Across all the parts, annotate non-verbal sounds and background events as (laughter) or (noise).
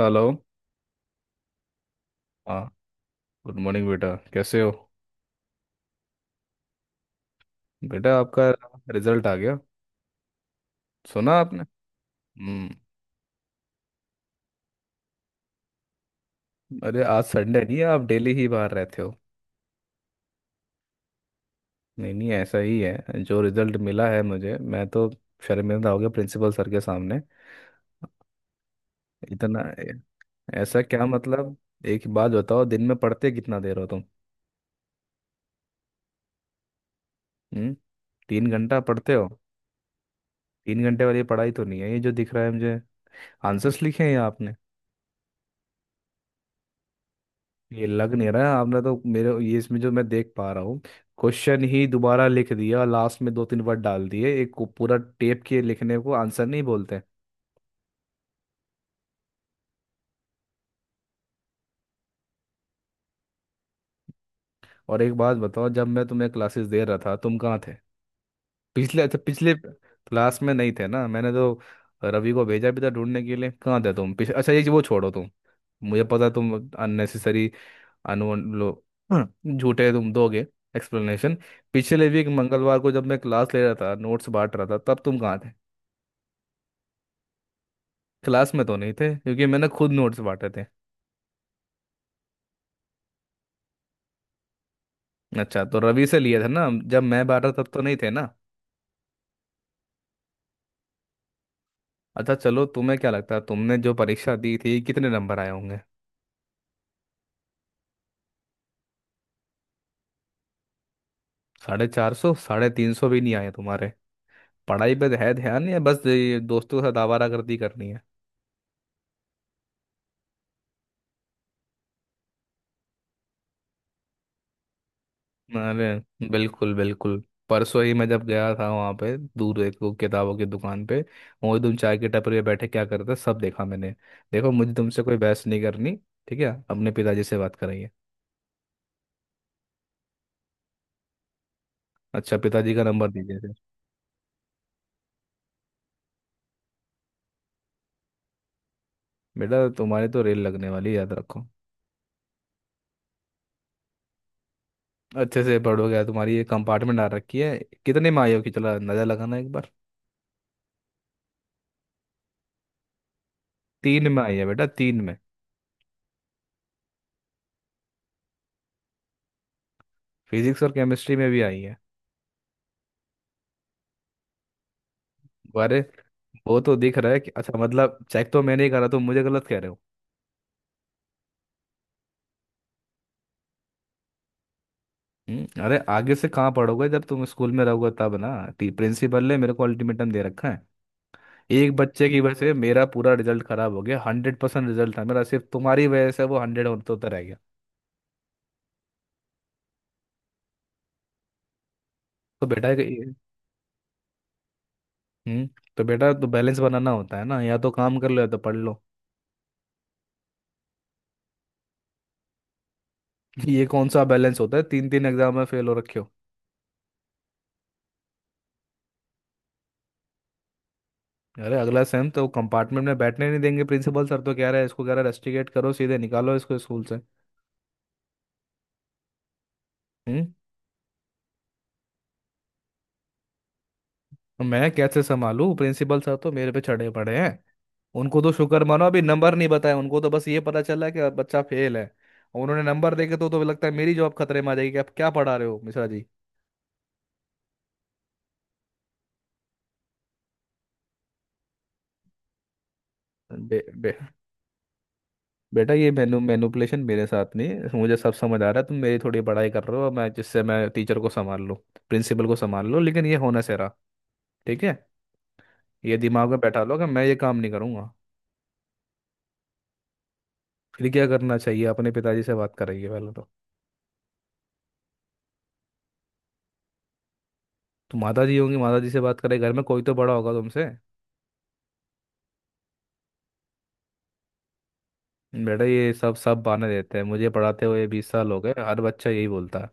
Hello. हाँ। Good morning बेटा, कैसे हो। बेटा आपका रिजल्ट आ गया, सुना आपने। हम्म। अरे आज संडे नहीं है, आप डेली ही बाहर रहते हो। नहीं नहीं, ऐसा ही है जो रिजल्ट मिला है मुझे, मैं तो शर्मिंदा हो गया प्रिंसिपल सर के सामने। इतना। ऐसा क्या मतलब। एक बात बताओ, दिन में पढ़ते कितना देर हो तुम। हम्म। 3 घंटा पढ़ते हो। 3 घंटे वाली पढ़ाई तो नहीं है ये, जो दिख रहा है मुझे। आंसर्स लिखे हैं ये आपने? ये लग नहीं रहा है, आपने तो मेरे, ये इसमें जो मैं देख पा रहा हूँ, क्वेश्चन ही दोबारा लिख दिया, लास्ट में दो तीन वर्ड डाल दिए, एक को पूरा टेप किए, लिखने को आंसर नहीं बोलते। और एक बात बताओ, जब मैं तुम्हें क्लासेस दे रहा था तुम कहाँ थे। पिछले, अच्छा पिछले क्लास में नहीं थे ना, मैंने तो रवि को भेजा भी था ढूंढने के लिए, कहाँ थे तुम अच्छा ये वो छोड़ो तुम, मुझे पता है तुम। अननेसेसरी। अनु लो। झूठे तुम दोगे एक्सप्लेनेशन। पिछले वीक मंगलवार को जब मैं क्लास ले रहा था, नोट्स बांट रहा था, तब तुम कहाँ थे। क्लास में तो नहीं थे, क्योंकि मैंने खुद नोट्स बांटे थे। अच्छा तो रवि से लिए थे ना, जब मैं बांटा तब तो नहीं थे ना। अच्छा चलो, तुम्हें क्या लगता है तुमने जो परीक्षा दी थी कितने नंबर आए होंगे। 450? 350 भी नहीं आए तुम्हारे। पढ़ाई पे है ध्यान या बस ये दोस्तों के साथ आवारागर्दी करनी है। अरे बिल्कुल बिल्कुल। परसों ही मैं जब गया था वहाँ पे, दूर एक वो किताबों की दुकान पे, वही तुम चाय के टपरी पे बैठे क्या करते, सब देखा मैंने। देखो, मुझे तुमसे कोई बहस नहीं करनी। ठीक है, अपने पिताजी से बात करेंगे। अच्छा पिताजी का नंबर दीजिए फिर। बेटा तुम्हारी तो रेल लगने वाली है, याद रखो। अच्छे से पढ़ो, क्या तुम्हारी ये कंपार्टमेंट आ रखी है, कितने में आई हो? कि चला नजर लगाना एक बार। तीन में आई है बेटा, तीन में। फिजिक्स और केमिस्ट्री में भी आई है। अरे वो तो दिख रहा है कि, अच्छा मतलब चेक तो मैंने ही करा, तुम मुझे गलत कह रहे हो। अरे आगे से कहाँ पढ़ोगे, जब तुम स्कूल में रहोगे तब ना। टी प्रिंसिपल ने मेरे को अल्टीमेटम दे रखा है। एक बच्चे की वजह से मेरा पूरा रिजल्ट खराब हो गया, 100% रिजल्ट था मेरा, सिर्फ तुम्हारी वजह से वो हंड्रेड होता रह गया। तो बेटा। हम्म। तो बेटा तो बैलेंस बनाना होता है ना, या तो काम कर लो या तो पढ़ लो। (laughs) ये कौन सा बैलेंस होता है, तीन तीन एग्जाम में फेल हो रखे हो। अरे अगला सेम तो कंपार्टमेंट में बैठने नहीं देंगे प्रिंसिपल सर, तो कह रहे हैं इसको, कह रहे हैं रस्टिकेट करो, सीधे निकालो इसको स्कूल से। हम्म अब मैं कैसे संभालूं, प्रिंसिपल सर तो मेरे पे चढ़े पड़े हैं। उनको तो शुक्र मानो, अभी नंबर नहीं बताया, उनको तो बस ये पता चला कि बच्चा फेल है। और उन्होंने नंबर देखे तो लगता है मेरी जॉब खतरे में आ जाएगी, कि आप क्या पढ़ा रहे हो मिश्रा जी। बे, बे, बेटा ये मैनुपुलेशन मेरे साथ नहीं है, मुझे सब समझ आ रहा है, तुम मेरी थोड़ी पढ़ाई कर रहे हो मैं जिससे, मैं टीचर को संभाल लूँ, प्रिंसिपल को संभाल लूँ, लेकिन ये होना सेरा। ठीक है। ये दिमाग में बैठा लो कि मैं ये काम नहीं करूँगा। फिर क्या करना चाहिए, अपने पिताजी से बात करेंगे पहले तो। तुम, माता जी होंगी, माता जी से बात करें, घर में कोई तो बड़ा होगा तुमसे। बेटा ये सब सब बहाने देते हैं, मुझे पढ़ाते हुए 20 साल हो गए, हर बच्चा यही बोलता है।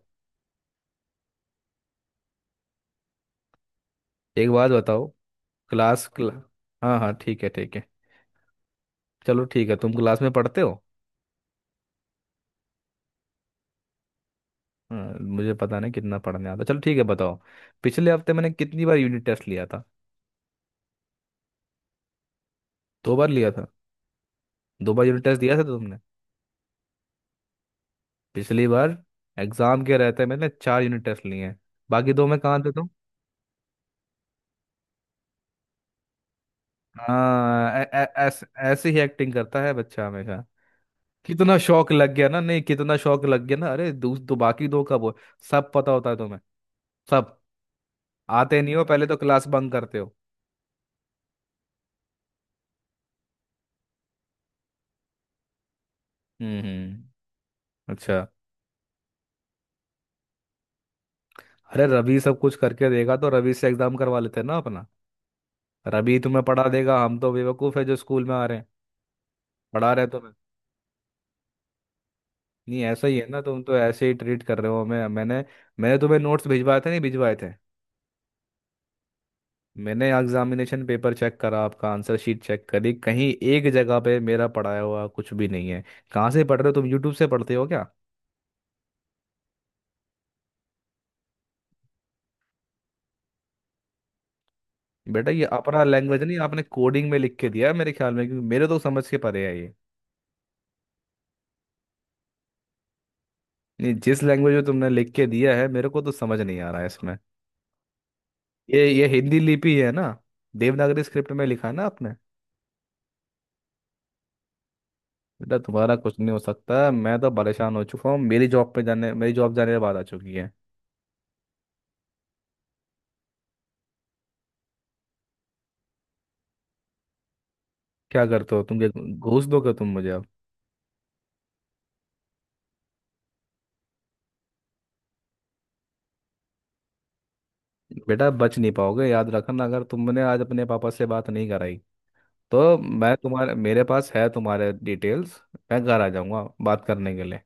एक बात बताओ। क्लास क्ला... हाँ हाँ, ठीक है ठीक है। चलो ठीक है, तुम क्लास में पढ़ते हो। हाँ, मुझे पता नहीं कितना पढ़ने आता, चलो ठीक है बताओ। पिछले हफ्ते मैंने कितनी बार यूनिट टेस्ट लिया था। दो बार लिया था। दो बार यूनिट टेस्ट दिया था तो तुमने। पिछली बार एग्जाम के रहते मैंने 4 यूनिट टेस्ट लिए हैं, बाकी दो मैं कहाँ देता हूँ। हाँ, ऐसे ही एक्टिंग करता है बच्चा हमेशा। कितना शौक लग गया ना, नहीं कितना शौक लग गया ना, अरे दो, दो, बाकी दो कब हो। सब पता होता है तुम्हें, सब। आते नहीं हो पहले तो, क्लास बंक करते हो। हम्म हम्म, अच्छा। अरे रवि सब कुछ करके देगा, तो रवि से एग्जाम करवा लेते हैं ना अपना। रवि तुम्हें पढ़ा देगा, हम तो बेवकूफ है जो स्कूल में आ रहे हैं, पढ़ा रहे हैं तुम्हें। नहीं ऐसा ही है ना, तुम तो ऐसे ही ट्रीट कर रहे हो हमें। मैंने मैंने तुम्हें नोट्स भिजवाए थे नहीं भिजवाए थे। मैंने एग्जामिनेशन पेपर चेक करा, आपका आंसर शीट चेक करी, कहीं एक जगह पे मेरा पढ़ाया हुआ कुछ भी नहीं है। कहाँ से पढ़ रहे हो तुम, यूट्यूब से पढ़ते हो क्या। बेटा ये अपना लैंग्वेज नहीं, आपने कोडिंग में लिख के दिया है मेरे ख्याल में, क्योंकि मेरे तो समझ के परे है ये। नहीं, जिस लैंग्वेज में तुमने लिख के दिया है, मेरे को तो समझ नहीं आ रहा है इसमें। ये हिंदी लिपि है ना, देवनागरी स्क्रिप्ट में लिखा है ना आपने। बेटा तुम्हारा कुछ नहीं हो सकता, मैं तो परेशान हो चुका हूँ, मेरी जॉब पे, जाने मेरी जॉब जाने के बाद आ चुकी है। क्या करते हो तुम क्या, घूस दोगे तुम मुझे अब? बेटा बच नहीं पाओगे, याद रखना, अगर तुमने आज अपने पापा से बात नहीं कराई, तो मैं तुम्हारे, मेरे पास है तुम्हारे डिटेल्स, मैं घर आ जाऊंगा बात करने के लिए।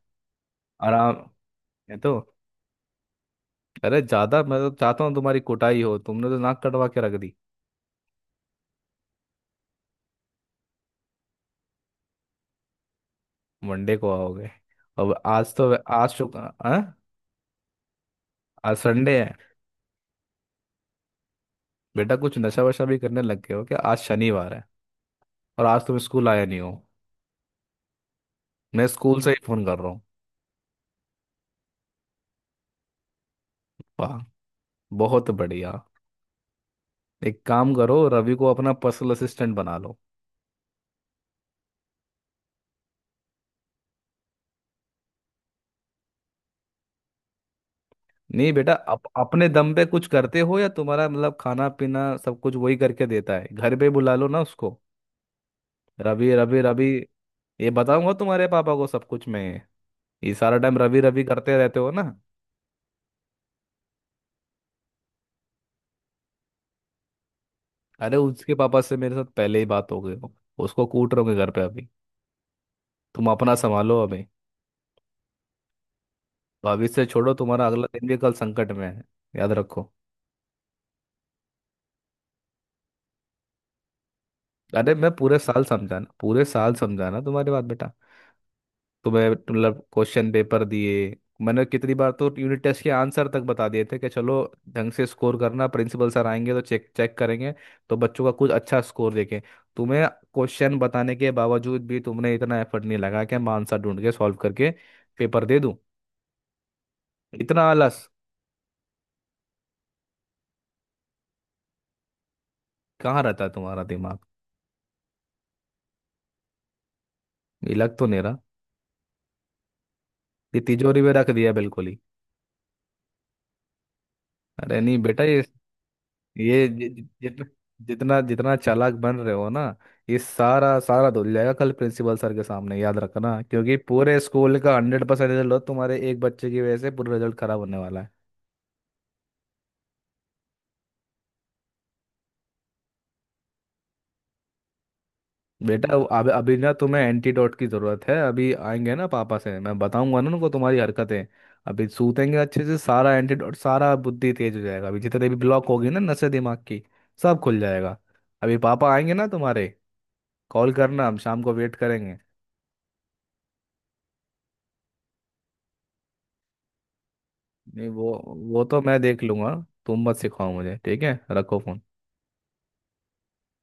आराम। ये तो, अरे ज़्यादा मैं तो चाहता हूँ तुम्हारी कुटाई हो, तुमने तो नाक कटवा के रख दी। मंडे को आओगे? अब आज तो, आज शुक्र। हाँ? आज संडे है? बेटा कुछ नशा वशा भी करने लग गए हो क्या, आज शनिवार है और आज तुम स्कूल आए नहीं हो। मैं स्कूल से ही फोन कर रहा हूँ। वाह, बहुत बढ़िया। एक काम करो, रवि को अपना पर्सनल असिस्टेंट बना लो। नहीं बेटा, अपने दम पे कुछ करते हो, या तुम्हारा मतलब खाना पीना सब कुछ वही करके देता है, घर पे बुला लो ना उसको। रवि रवि रवि, ये बताऊंगा तुम्हारे पापा को सब कुछ मैं, ये सारा टाइम रवि रवि करते रहते हो ना। अरे उसके पापा से मेरे साथ पहले ही बात हो गई हो। उसको कूट रहोगे घर पे अभी। तुम अपना संभालो अभी, भविष्य छोड़ो, तुम्हारा अगला दिन भी कल संकट में है, याद रखो। अरे मैं पूरे साल समझाना, पूरे साल समझाना तुम्हारी बात बेटा। तुम्हें मतलब क्वेश्चन पेपर दिए, मैंने कितनी बार तो यूनिट टेस्ट के आंसर तक बता दिए थे, कि चलो ढंग से स्कोर करना, प्रिंसिपल सर आएंगे तो चेक चेक करेंगे, तो बच्चों का कुछ अच्छा स्कोर देखें। तुम्हें क्वेश्चन बताने के बावजूद भी तुमने इतना एफर्ट नहीं लगा, कि मैं आंसर ढूंढ के सॉल्व करके पेपर दे दूं। इतना आलस। कहाँ रहता है तुम्हारा दिमाग, ये लग तो नहीं रहा, ये तिजोरी में रख दिया बिल्कुल ही। अरे नहीं बेटा ये जि- जि- जित- जितना जितना चालाक बन रहे हो ना, ये सारा सारा धुल जाएगा कल प्रिंसिपल सर के सामने, याद रखना, क्योंकि पूरे स्कूल का 100% रिजल्ट हो, तुम्हारे एक बच्चे की वजह से पूरा रिजल्ट खराब होने वाला है। बेटा अब अभी ना तुम्हें एंटीडोट की जरूरत है, अभी आएंगे ना पापा, से मैं बताऊंगा ना उनको तुम्हारी हरकतें, अभी सूतेंगे अच्छे से, सारा एंटीडोट, सारा बुद्धि तेज हो जाएगा, अभी जितने भी ब्लॉक होगी ना नसें दिमाग की, सब खुल जाएगा। अभी पापा आएंगे ना तुम्हारे, कॉल करना, हम शाम को वेट करेंगे। नहीं वो, वो तो मैं देख लूंगा, तुम मत सिखाओ मुझे, ठीक है रखो फोन।